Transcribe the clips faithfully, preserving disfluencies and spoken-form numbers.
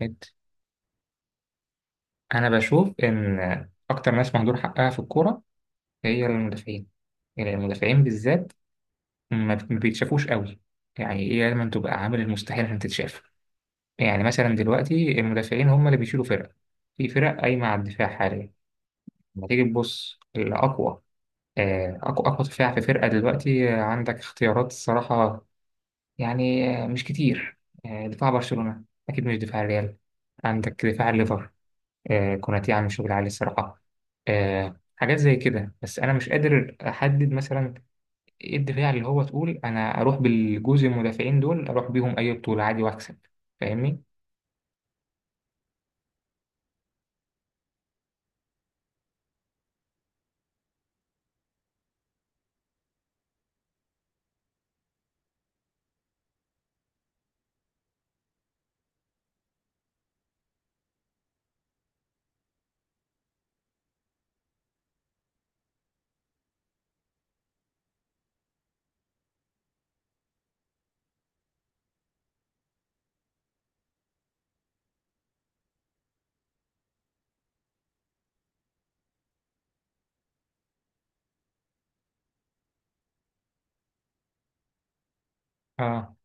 جد. انا بشوف ان اكتر ناس مهدور حقها في الكوره هي المدافعين. يعني المدافعين بالذات ما بت- ما بيتشافوش قوي. يعني ايه، دايما تبقى عامل المستحيل عشان تتشاف. يعني مثلا دلوقتي المدافعين هم اللي بيشيلوا فرق، في فرق قايمه على الدفاع حاليا. لما تيجي تبص الاقوى، آه، اقوى اقوى دفاع في فرقه دلوقتي، آه، عندك اختيارات الصراحه. يعني آه، مش كتير. آه، دفاع برشلونه اكيد مش دفاع الريال. عندك دفاع الليفر، آه، كوناتي عامل شغل عالي الصراحة. آه، حاجات زي كده، بس أنا مش قادر أحدد مثلا إيه الدفاع اللي هو تقول أنا أروح بالجزء المدافعين دول، أروح بيهم أي بطولة عادي وأكسب. فاهمني؟ آه.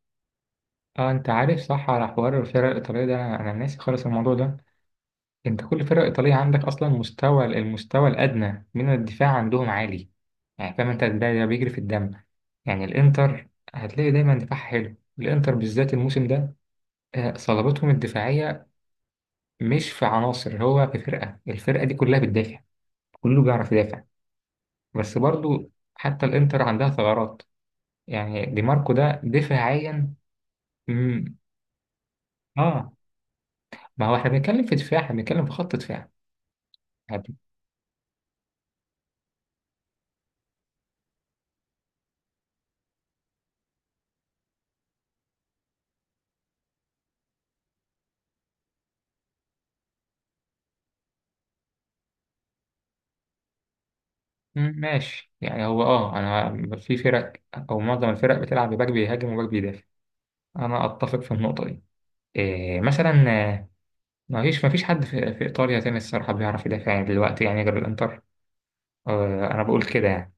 آه أنت عارف صح؟ على حوار الفرق الإيطالية ده أنا أنا ناسي خالص الموضوع ده. أنت كل فرقة إيطالية عندك أصلا مستوى، المستوى الأدنى من الدفاع عندهم عالي. يعني فاهم أنت، ده ده بيجري في الدم. يعني الانتر، هتلاقي دايما دفاعها حلو، الانتر بالذات الموسم ده. آه، صلابتهم الدفاعية مش في عناصر، هو في فرقة، الفرقة دي كلها بتدافع، كله بيعرف يدافع. بس برضو حتى الانتر عندها ثغرات، يعني دي ماركو ده دفاعيا. مم. اه. ما هو احنا بنتكلم في دفاع، احنا بنتكلم في خط دفاع. عادي. مم، ماشي. يعني هو اه انا في فرق او معظم الفرق بتلعب بباك بيهاجم وباك بيدافع، انا اتفق في النقطة دي. إيه مثلا؟ آه، ما فيش ما فيش حد في, في ايطاليا تاني الصراحة بيعرف يدافع يعني دلوقتي، يعني غير الانتر. آه انا بقول كده يعني.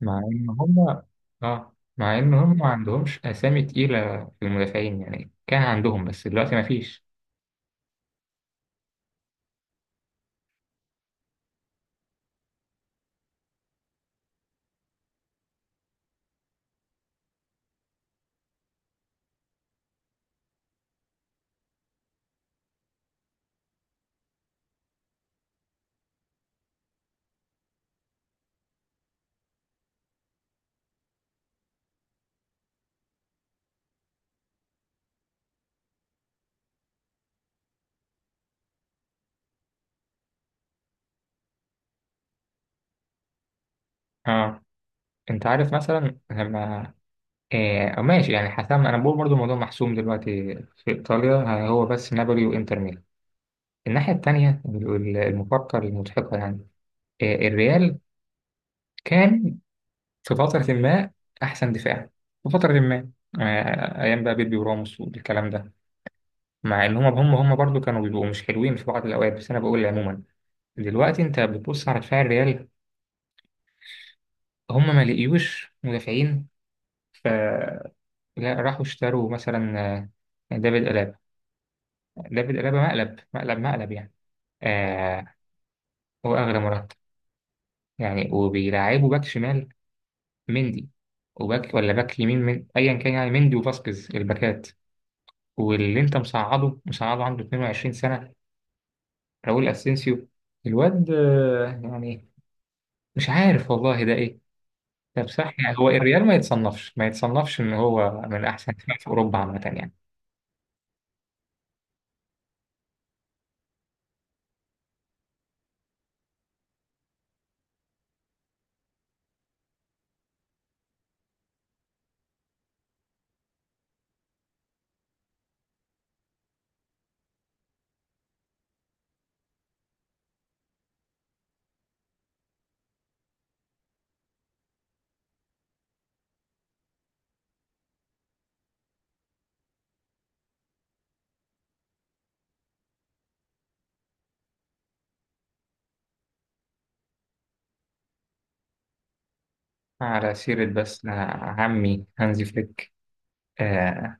مع إن هم، آه مع إن هم ما عندهمش أسامي تقيلة في المدافعين، يعني كان عندهم بس دلوقتي ما فيش. آه أنت عارف مثلا لما، آه ماشي. يعني حسام أنا بقول برضو الموضوع محسوم دلوقتي في إيطاليا، آه، هو بس نابولي وإنتر ميلان. الناحية التانية، ال- المفارقة المضحكة يعني، آه الريال كان في فترة ما أحسن دفاع، في فترة ما، آه أيام بقى بيبي وراموس والكلام ده. مع إن هم هم هم برضو كانوا بيبقوا مش حلوين في بعض الأوقات، بس أنا بقول عموما دلوقتي انت بتبص على دفاع الريال، هم ما لقيوش مدافعين. فلا، راحوا اشتروا مثلا آه، دافيد ألابا. دافيد ألابا مقلب مقلب مقلب يعني. آه. هو أغلى مرتب يعني. وبيلعبوا باك شمال مندي، وباك ولا باك يمين من أيا كان، يعني مندي وفاسكيز الباكات. واللي أنت مصعده مصعده عنده اتنين وعشرين سنة، راؤول أسينسيو الواد، آه، يعني مش عارف والله ده إيه. طب صح، يعني هو الريال ما يتصنفش ما يتصنفش ان هو من احسن فرق في اوروبا عامه يعني؟ على سيرة بس، آه، عمي هانزي فليك، آه،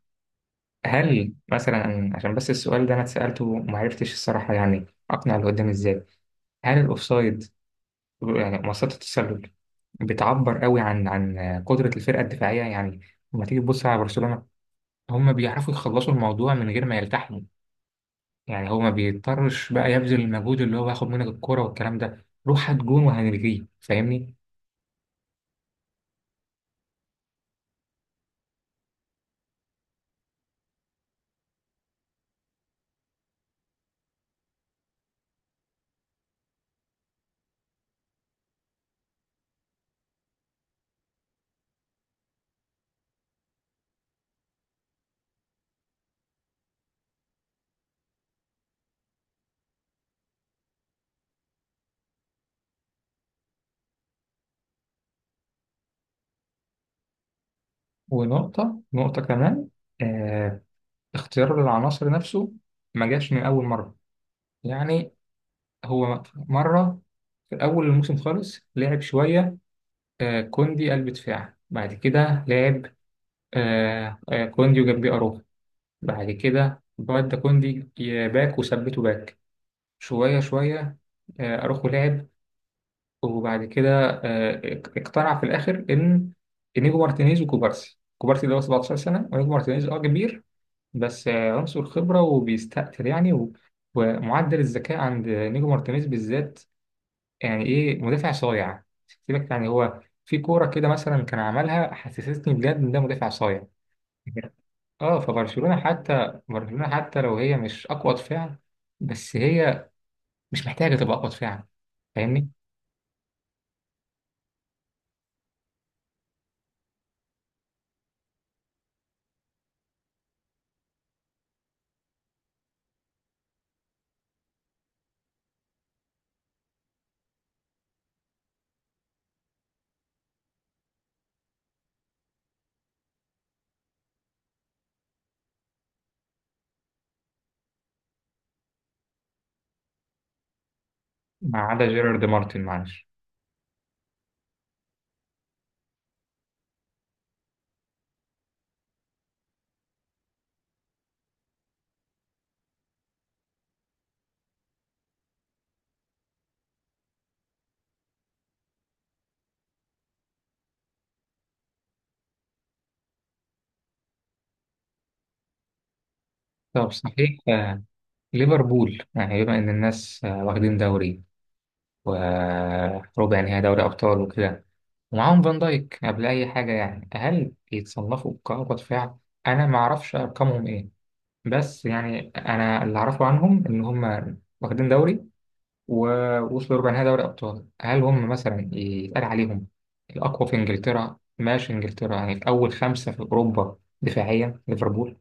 هل مثلا، عشان بس السؤال ده انا اتسألته وما عرفتش الصراحة يعني اقنع اللي قدامي ازاي، هل الاوفسايد يعني مسطرة التسلل بتعبر قوي عن عن قدرة الفرقة الدفاعية؟ يعني لما تيجي تبص على برشلونة، هم بيعرفوا يخلصوا الموضوع من غير ما يلتحموا. يعني هو ما بيضطرش بقى يبذل المجهود اللي هو هياخد منك الكرة والكلام ده، روح هات جون وهنلغيه. فاهمني؟ ونقطة نقطة كمان، آه اختيار العناصر نفسه ما جاش من أول مرة. يعني هو مرة في أول الموسم خالص لعب شوية آه كوندي قلب دفاع. بعد كده لعب آه آه كوندي وجنبيه أروخو. بعد كده بعد كوندي ي- باك وثبته باك، شوية شوية. آه، أروخو لعب، وبعد كده آه، اقتنع في الاخر ان انيجو مارتينيز وكوبارسي. كوبارسي ده هو سبعتاشر سنه، وانيجو مارتينيز اه كبير بس آه، عنصر خبره وبيستقتل يعني. و- ومعدل الذكاء عند انيجو مارتينيز بالذات، يعني ايه، مدافع صايع. سيبك، يعني هو في كوره كده مثلا كان عملها حسستني بجد ان ده مدافع صايع. اه فبرشلونه، حتى برشلونه حتى لو هي مش اقوى دفاع، بس هي مش محتاجه تبقى اقوى دفاع. فاهمني؟ ما عدا جيرارد مارتن، معلش. طب صحيح، آه، ليفربول، يعني بما إن الناس آه، واخدين دوري وربع نهائي دوري أبطال وكده، ومعاهم فان دايك قبل أي حاجة، يعني هل يتصنفوا كرة دفاع؟ أنا ما أعرفش أرقامهم إيه، بس يعني أنا اللي أعرفه عنهم إن هم واخدين دوري ووصلوا ربع نهائي دوري أبطال. هل هم مثلا يتقال عليهم الأقوى في إنجلترا؟ ماشي إنجلترا، يعني في أول خمسة في أوروبا دفاعيا ليفربول؟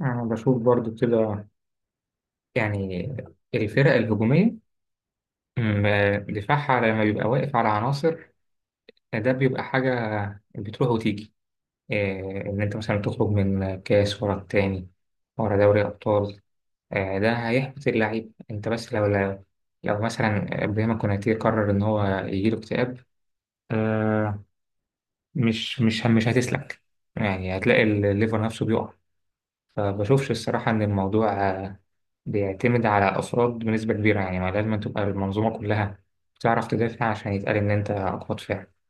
أنا بشوف برضو كده، يعني الفرق الهجومية م- دفاعها لما بيبقى واقف على عناصر، ده بيبقى حاجة بتروح وتيجي. إيه، إن أنت مثلا تخرج من كاس ورا التاني ورا دوري أبطال، آه، ده هيحبط اللعيب. أنت بس لو لو, لو مثلا إبراهيم كوناتي قرر إن هو يجيله اكتئاب، آه، مش مش مش هتسلك، يعني هتلاقي الليفر نفسه بيقع. فبشوفش الصراحة إن الموضوع آه، بيعتمد على أفراد بنسبة كبيرة، يعني ما لازم تبقى المنظومة كلها بتعرف تدافع عشان يتقال إن أنت أقوى دفاع.